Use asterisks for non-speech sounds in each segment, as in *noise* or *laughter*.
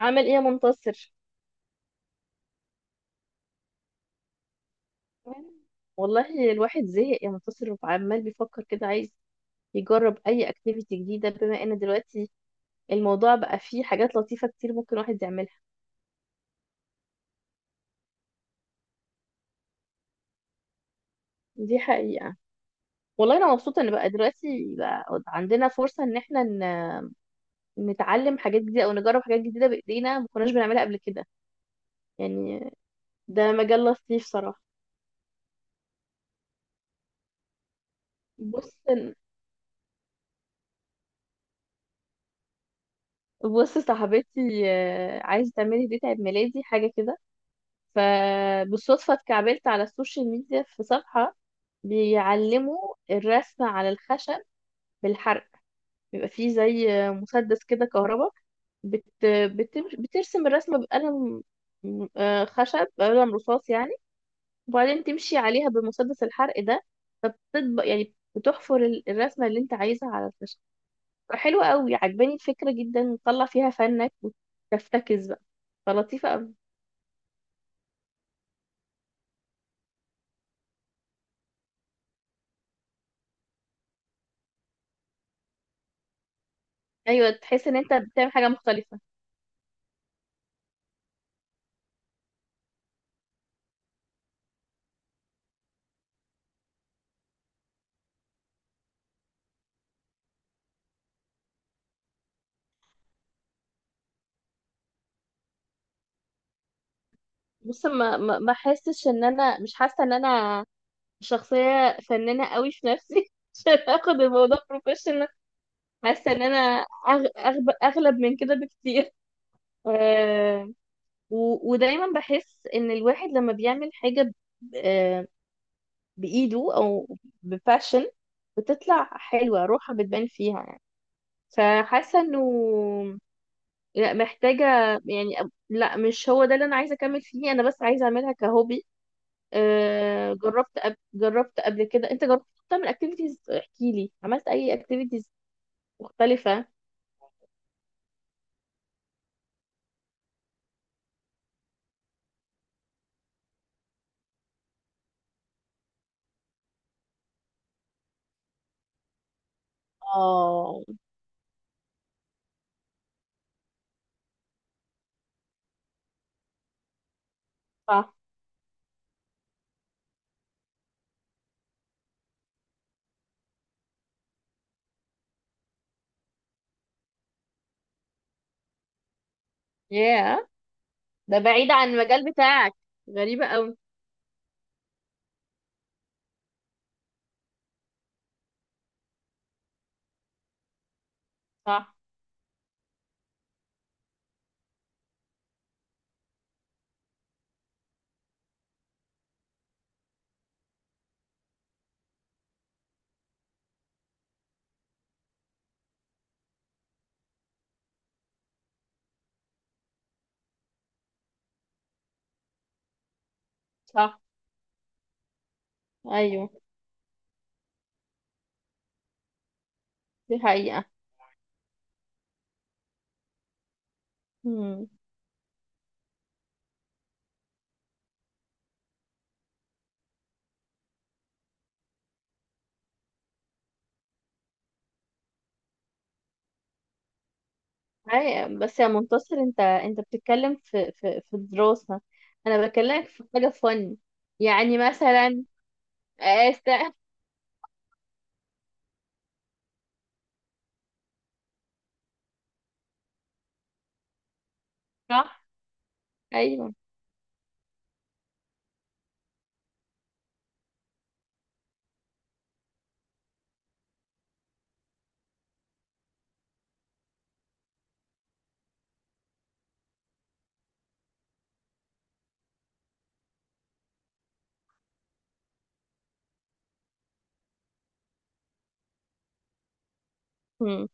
عامل ايه يا منتصر؟ والله الواحد زهق يا منتصر، وعمال بيفكر كده، عايز يجرب اي اكتيفيتي جديده، بما ان دلوقتي الموضوع بقى فيه حاجات لطيفه كتير ممكن الواحد يعملها. دي حقيقه. والله انا مبسوطه ان بقى دلوقتي بقى عندنا فرصه ان احنا نتعلم حاجات جديده او نجرب حاجات جديده بايدينا ما كناش بنعملها قبل كده. يعني ده مجال لطيف صراحه. بص، بص صاحبتي عايزه تعملي دي عيد ميلادي حاجه كده. فبالصدفة اتكعبلت على السوشيال ميديا في صفحة بيعلموا الرسم على الخشب بالحرق. بيبقى فيه زي مسدس كده كهرباء. بت... بترسم الرسمة بقلم خشب، قلم رصاص يعني، وبعدين تمشي عليها بمسدس الحرق ده. فبتطبق، يعني بتحفر الرسمة اللي انت عايزها على الخشب. حلوة قوي، عجباني الفكرة جدا، تطلع فيها فنك وتفتكس بقى. فلطيفة قوي. ايوه، تحس ان انت بتعمل حاجة مختلفة. بص، ما حاسش، ان انا مش حاسه ان انا شخصيه فنانه قوي في نفسي *laughs* عشان اخد الموضوع بروفيشنال. حاسه ان انا اغلب من كده بكتير. *laughs* آه... ودايما بحس ان الواحد لما بيعمل حاجه ب... آه... بايده او بباشن، بتطلع حلوه، روحها بتبان فيها يعني. فحاسه انه لا، محتاجه، يعني لا، مش هو ده اللي انا عايزه اكمل فيه، انا بس عايزه اعملها كهوبي. جربت قبل، جربت قبل كده، انت جربت تعمل اكتيفيتيز؟ احكي لي، عملت اي اكتيفيتيز مختلفة؟ اه. صح. ياه، ده بعيد عن المجال بتاعك، غريبة قوي. صح. صح. ايوه، دي حقيقة. امم. بس يا منتصر، انت انت بتتكلم في الدراسة، انا بكلمك في حاجة فن. يعني مثلا آه، است *laughs* صح. ايوه. امم.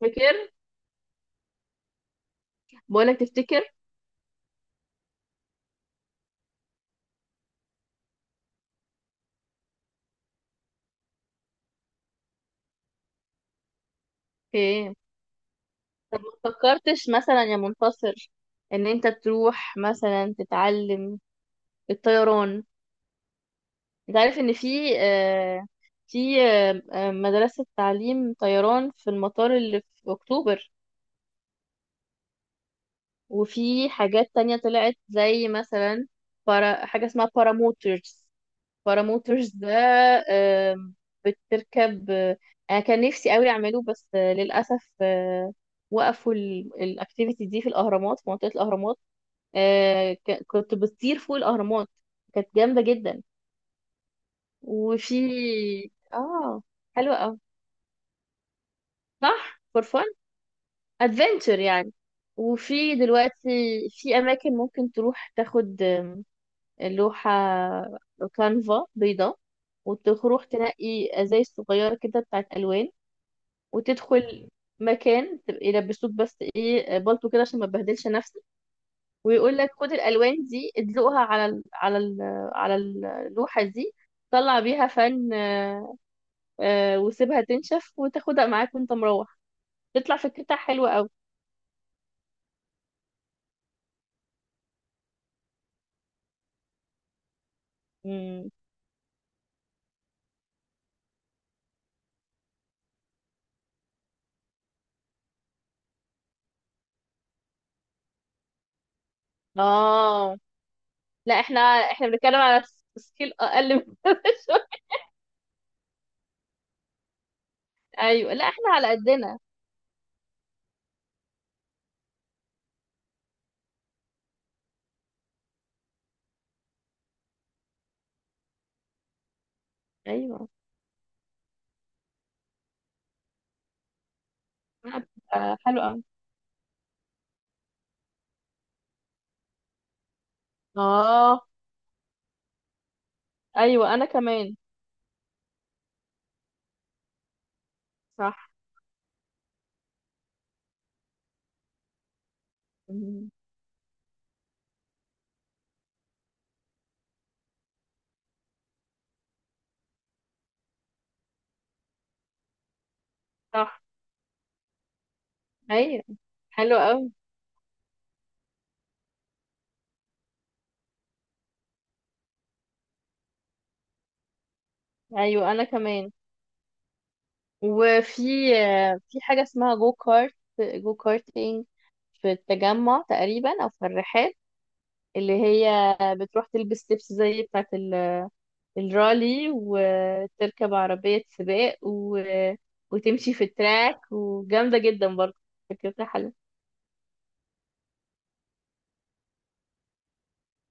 فاكر؟ بقولك، تفتكر؟ اوكي، طب، ما فكرتش مثلا يا منتصر ان انت تروح مثلا تتعلم الطيران؟ انت عارف ان في في مدرسة تعليم طيران في المطار اللي في اكتوبر. وفي حاجات تانية طلعت زي مثلا برا، حاجة اسمها باراموترز. باراموترز ده آم، بتركب انا كان نفسي قوي اعمله، بس للاسف وقفوا الاكتيفيتي دي في الاهرامات، في منطقة الاهرامات. آه، كنت بتطير فوق الأهرامات. كانت جامدة جدا. وفي اه. حلوة أوي، صح، فور فن، ادفنتشر يعني. وفي دلوقتي في أماكن ممكن تروح تاخد لوحة، كانفا بيضاء، وتروح تنقي ازاي صغيرة كده بتاعت ألوان، وتدخل مكان تبقى يلبسوك بس ايه، بالطو كده عشان ما تبهدلش نفسك، ويقول لك خد الالوان دي ادلقها على ال على اللوحه دي، طلع بيها فن. وسيبها تنشف وتاخدها معاك وانت مروح. تطلع فكرتها حلوه قوي. امم. اه. لا، احنا بنتكلم على سكيل اقل من *laughs* كده شوية. ايوه، لا احنا على قدنا. ايوه. حلو قوي. اه. ايوه، انا كمان. صح. مم. صح. ايوه، حلو قوي. ايوه، انا كمان. وفي في حاجة اسمها جو كارت، جو كارتينج، في التجمع تقريبا أو في الرحاب، اللي هي بتروح تلبس لبس زي بتاعة الرالي، وتركب عربية سباق، و... وتمشي في التراك، وجامدة جدا برضه، فكرتها حلوة.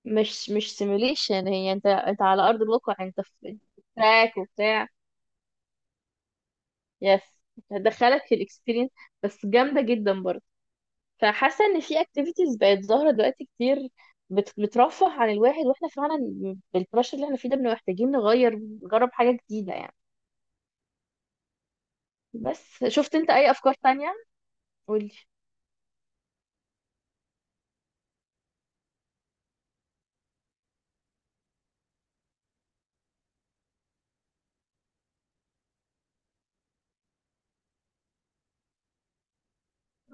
مش، مش سيميوليشن، هي انت، انت على أرض الواقع، انت في تراك وبتاع. يس، هتدخلك في الاكسبيرينس، بس جامدة جدا برضه. فحاسه ان في اكتيفيتيز بقت ظاهره دلوقتي كتير، بترفه عن الواحد، واحنا فعلا بالبرشر اللي احنا فيه ده بنبقى محتاجين نغير، نجرب حاجه جديده يعني. بس شفت انت اي افكار تانية؟ قولي.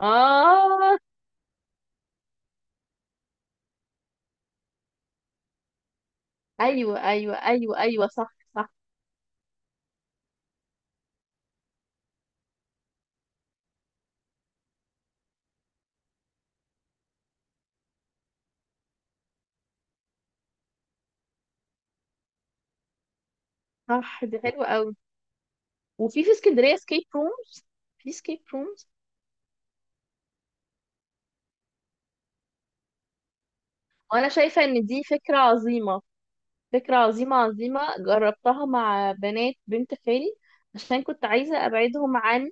اه. ايوه صح صح. صح، دي حلوه قوي. وفي، في اسكندريه سكيب رومز. في سكيب رومز. وانا شايفه ان دي فكره عظيمه، فكره عظيمه عظيمه. جربتها مع بنات بنت خالي، عشان كنت عايزه ابعدهم عن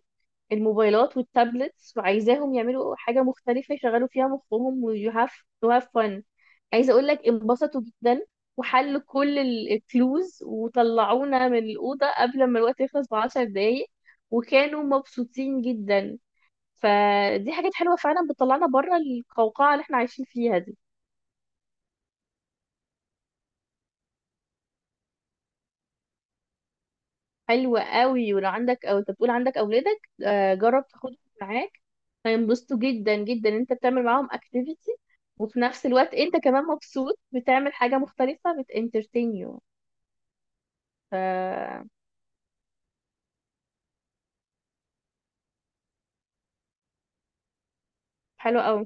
الموبايلات والتابلتس، وعايزاهم يعملوا حاجة مختلفة يشغلوا فيها مخهم. و you have to have fun. عايزة اقول لك انبسطوا جدا، وحلوا كل الكلوز وطلعونا من الأوضة قبل ما الوقت يخلص بـ10 دقايق، وكانوا مبسوطين جدا. فدي حاجات حلوة فعلا بتطلعنا بره القوقعة اللي احنا عايشين فيها دي. حلوة قوي، ولو عندك، او انت بتقول عندك اولادك، جرب تاخدهم معاك، هينبسطوا جدا جدا. انت بتعمل معاهم اكتيفيتي، وفي نفس الوقت انت كمان مبسوط بتعمل حاجة مختلفة، بتانترتين يو. ف حلو قوي.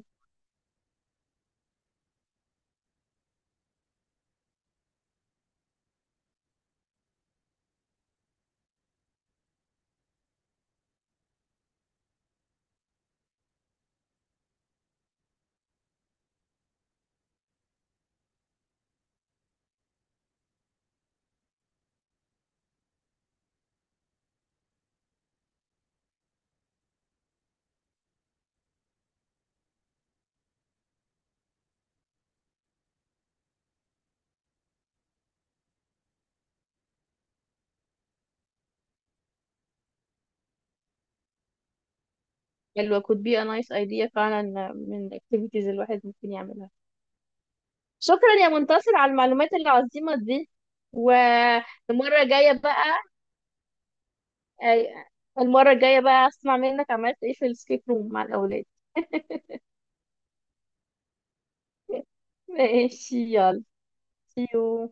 حلوة، could be a nice idea فعلا من activities الواحد ممكن يعملها. شكرا يا منتصر على المعلومات العظيمة دي. والمرة الجاية بقى، المرة الجاية بقى اسمع منك عملت ايه في السكيب روم مع الأولاد. ماشي، يلا. See you.